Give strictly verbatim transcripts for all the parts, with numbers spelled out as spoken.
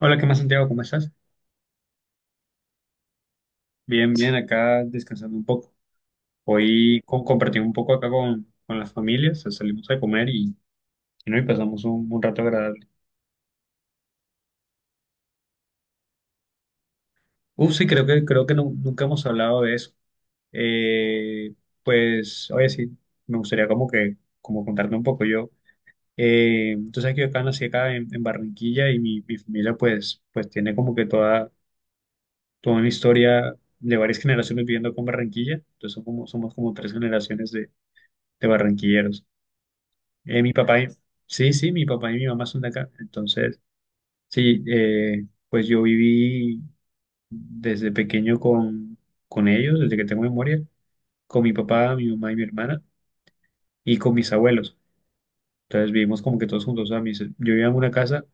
Hola, ¿qué más, Santiago? ¿Cómo estás? Bien, bien, acá descansando un poco. Hoy co- compartí un poco acá con, con las familias, o sea, salimos a comer y, y, no, y pasamos un, un rato agradable. Uf, sí, creo que, creo que nu- nunca hemos hablado de eso. Eh, pues, oye, sí, me gustaría como que, como contarte un poco yo. Eh, tú sabes que yo acá nací acá en, en Barranquilla y mi, mi familia pues, pues tiene como que toda, toda una historia de varias generaciones viviendo con Barranquilla. Entonces somos, somos como tres generaciones de, de barranquilleros. Eh, mi papá, y- sí, sí, mi papá y mi mamá son de acá. Entonces, sí, eh, pues yo viví desde pequeño con, con ellos, desde que tengo memoria, con mi papá, mi mamá y mi hermana, y con mis abuelos. Entonces vivimos como que todos juntos. O sea, mis- yo vivía en una casa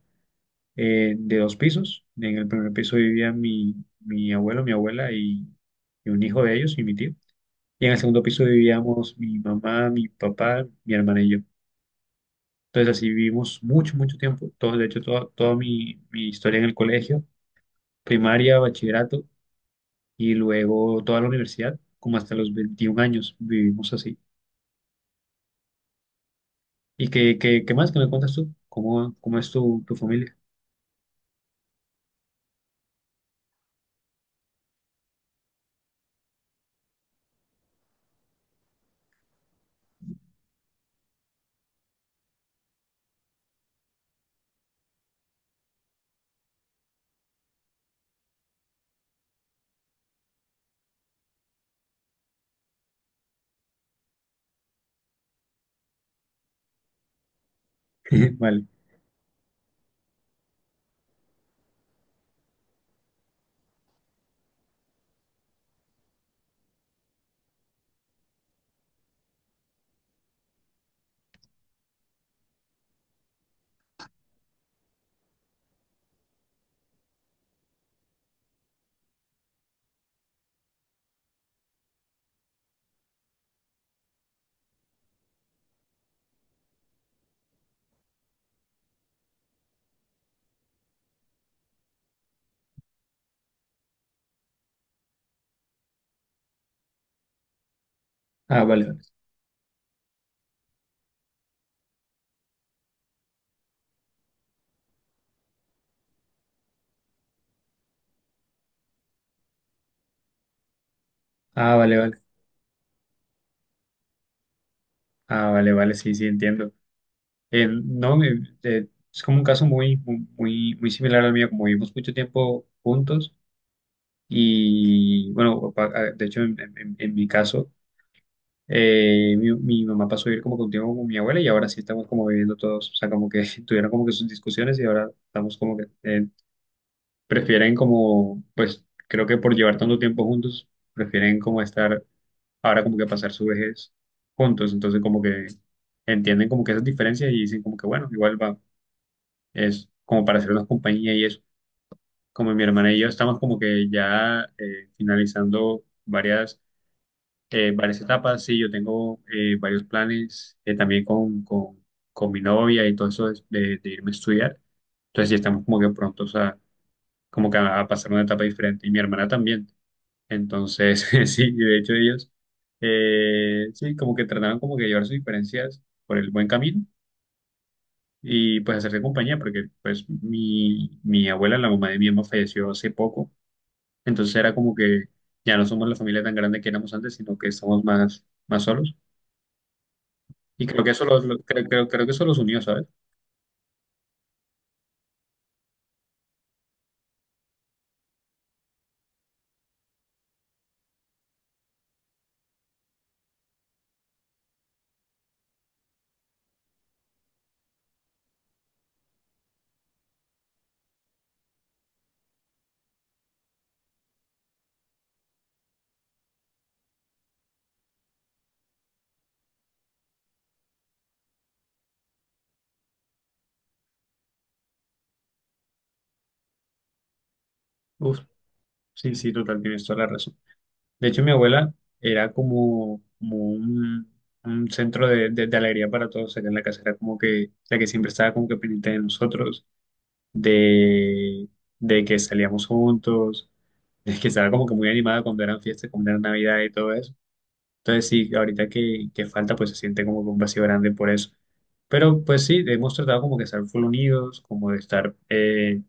eh, de dos pisos. En el primer piso vivía mi, mi abuelo, mi abuela y, y un hijo de ellos y mi tío. Y en el segundo piso vivíamos mi mamá, mi papá, mi hermana y yo. Entonces así vivimos mucho, mucho tiempo. Todo, de hecho, toda, toda mi, mi historia en el colegio, primaria, bachillerato y luego toda la universidad, como hasta los veintiún años vivimos así. ¿Y qué, qué, qué más que me cuentas tú? ¿Cómo, cómo es tu, tu familia? Vale. Ah, vale, vale. Ah, vale, vale. Ah, vale, vale, sí, sí, entiendo. Eh, no, me- eh, es como un caso muy, muy, muy muy similar al mío, como vivimos mucho tiempo juntos y bueno, pa- ah, de hecho, en- en- en mi caso. Eh, mi, mi mamá pasó a vivir como contigo con mi abuela y ahora sí estamos como viviendo todos, o sea, como que tuvieron como que sus discusiones y ahora estamos como que eh, prefieren como, pues creo que por llevar tanto tiempo juntos, prefieren como estar ahora como que pasar su vejez juntos, entonces como que entienden como que esas diferencias y dicen como que bueno, igual va, es como para hacernos compañía y eso, como mi hermana y yo estamos como que ya eh, finalizando varias eh, varias etapas, sí, yo tengo eh, varios planes eh, también con, con, con mi novia y todo eso de, de- de irme a estudiar. Entonces, sí, estamos como que prontos a, como que a, a pasar una etapa diferente. Y mi hermana también. Entonces, sí, y de hecho ellos, eh, sí, como que trataron como que llevar sus diferencias por el buen camino y pues hacerse compañía, porque pues mi, mi abuela, la mamá de mi mamá, falleció hace poco. Entonces era como que ya no somos la familia tan grande que éramos antes, sino que estamos más, más solos. Y creo que eso los, lo- creo, creo, creo que eso los unió, ¿sabes? Uf, sí, sí, total, tienes toda la razón. De hecho, mi abuela era como, como un, un centro de, de, de alegría para todos acá en la casa. Era como que la que siempre estaba como que pendiente de nosotros, de, de que salíamos juntos, de que estaba como que muy animada cuando eran fiestas, cuando era Navidad y todo eso. Entonces, sí, ahorita que, que falta, pues se siente como que un vacío grande por eso. Pero pues sí, hemos tratado como que estar full unidos, como de estar... Eh,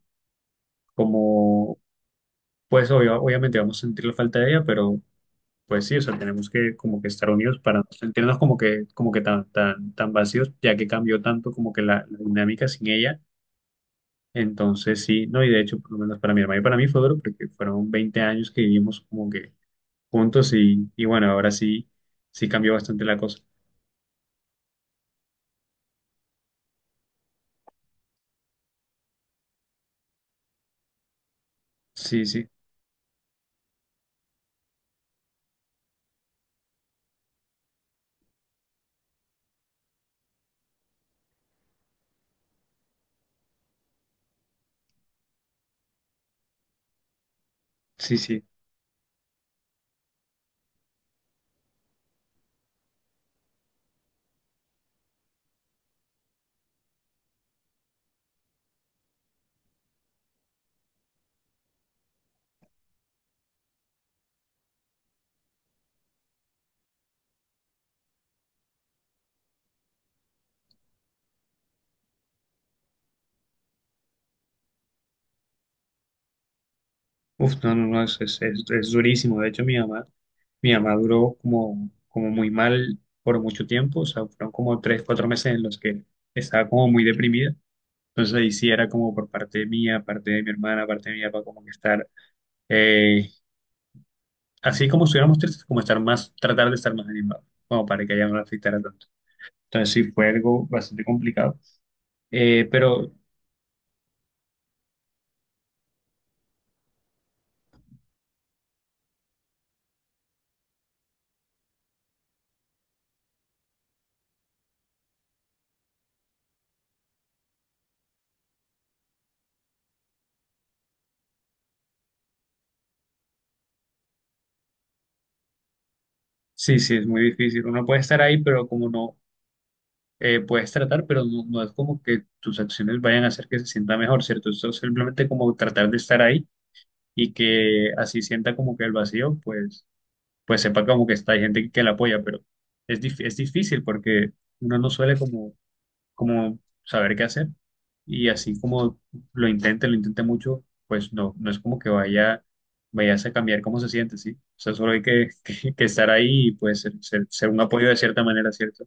como Pues obvio- obviamente vamos a sentir la falta de ella, pero pues sí, o sea, tenemos que como que estar unidos para no sentirnos como que, como que tan, tan, tan vacíos, ya que cambió tanto como que la, la dinámica sin ella. Entonces sí, no, y de hecho, por lo menos para mi hermano y para mí fue duro, porque fueron veinte años que vivimos como que juntos y, y bueno, ahora sí, sí cambió bastante la cosa. Sí, sí, sí, sí. Uf, no, no, no, es, es, es- es durísimo. De hecho, mi mamá, mi mamá duró como, como muy mal por mucho tiempo, o sea, fueron como tres, cuatro meses en los que estaba como muy deprimida. Entonces ahí sí era como por parte mía, parte de mi hermana, parte de mi papá, como que estar, eh, así como estuviéramos tristes, como estar más, tratar de estar más animado, como para que ella no la afectara tanto. Entonces sí fue algo bastante complicado. Eh, pero sí, sí, es muy difícil. Uno puede estar ahí, pero como no. eh, puedes tratar, pero no, no es como que tus acciones vayan a hacer que se sienta mejor, ¿cierto? Eso es simplemente como tratar de estar ahí y que así sienta como que el vacío, pues, pues sepa como que está, hay gente que la apoya, pero es, dif- es difícil porque uno no suele como, como saber qué hacer y así como lo intente, lo intente mucho, pues no, no es como que vaya, vayas a cambiar cómo se siente, ¿sí? O sea, solo hay que, que, que estar ahí y pues ser, ser, ser un apoyo de cierta manera, ¿cierto?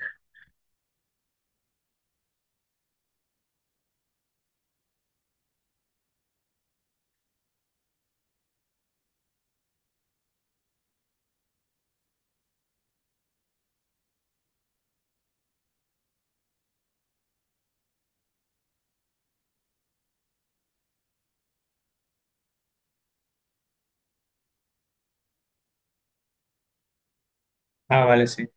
Ah, vale, sí.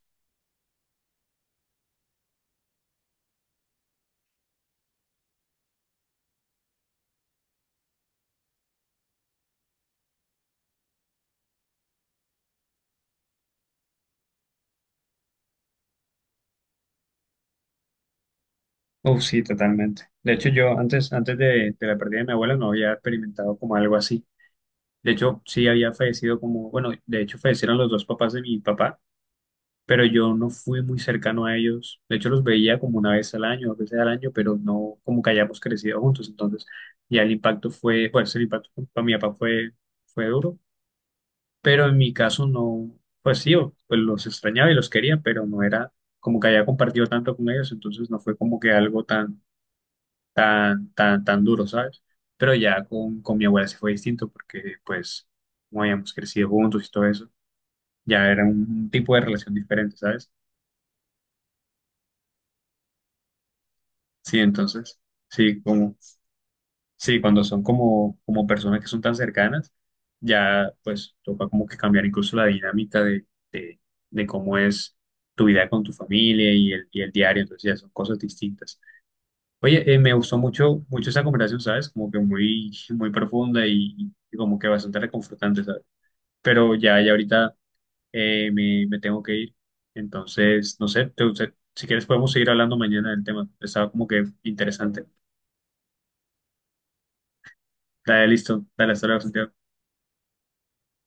Uf, sí, totalmente. De hecho, yo antes, antes de, de la pérdida de mi abuela no había experimentado como algo así. De hecho, sí había fallecido como, bueno, de hecho fallecieron los dos papás de mi papá, pero yo no fui muy cercano a ellos. De hecho, los veía como una vez al año, dos veces al año, pero no como que hayamos crecido juntos. Entonces, ya el impacto fue, pues el impacto para mi papá fue, fue duro, pero en mi caso no, pues sí, o- pues los extrañaba y los quería, pero no era como que haya compartido tanto con ellos, entonces no fue como que algo tan tan, tan, tan duro, ¿sabes? Pero ya con, con mi abuela sí fue distinto porque, pues, como habíamos crecido juntos y todo eso, ya era un, un tipo de relación diferente, ¿sabes? Sí, entonces, sí, como, sí, cuando son como, como personas que son tan cercanas, ya, pues, toca como que cambiar incluso la dinámica de, de, de cómo es tu vida con tu familia y el, y el diario, entonces ya son cosas distintas. Oye, eh, me gustó mucho, mucho esa conversación, ¿sabes? Como que muy, muy profunda y, y como que bastante reconfortante, ¿sabes? Pero ya, ya ahorita eh, me, me tengo que ir. Entonces, no sé, te- te- si quieres podemos seguir hablando mañana del tema. Estaba como que interesante. Dale, listo. Dale, hasta luego, Santiago.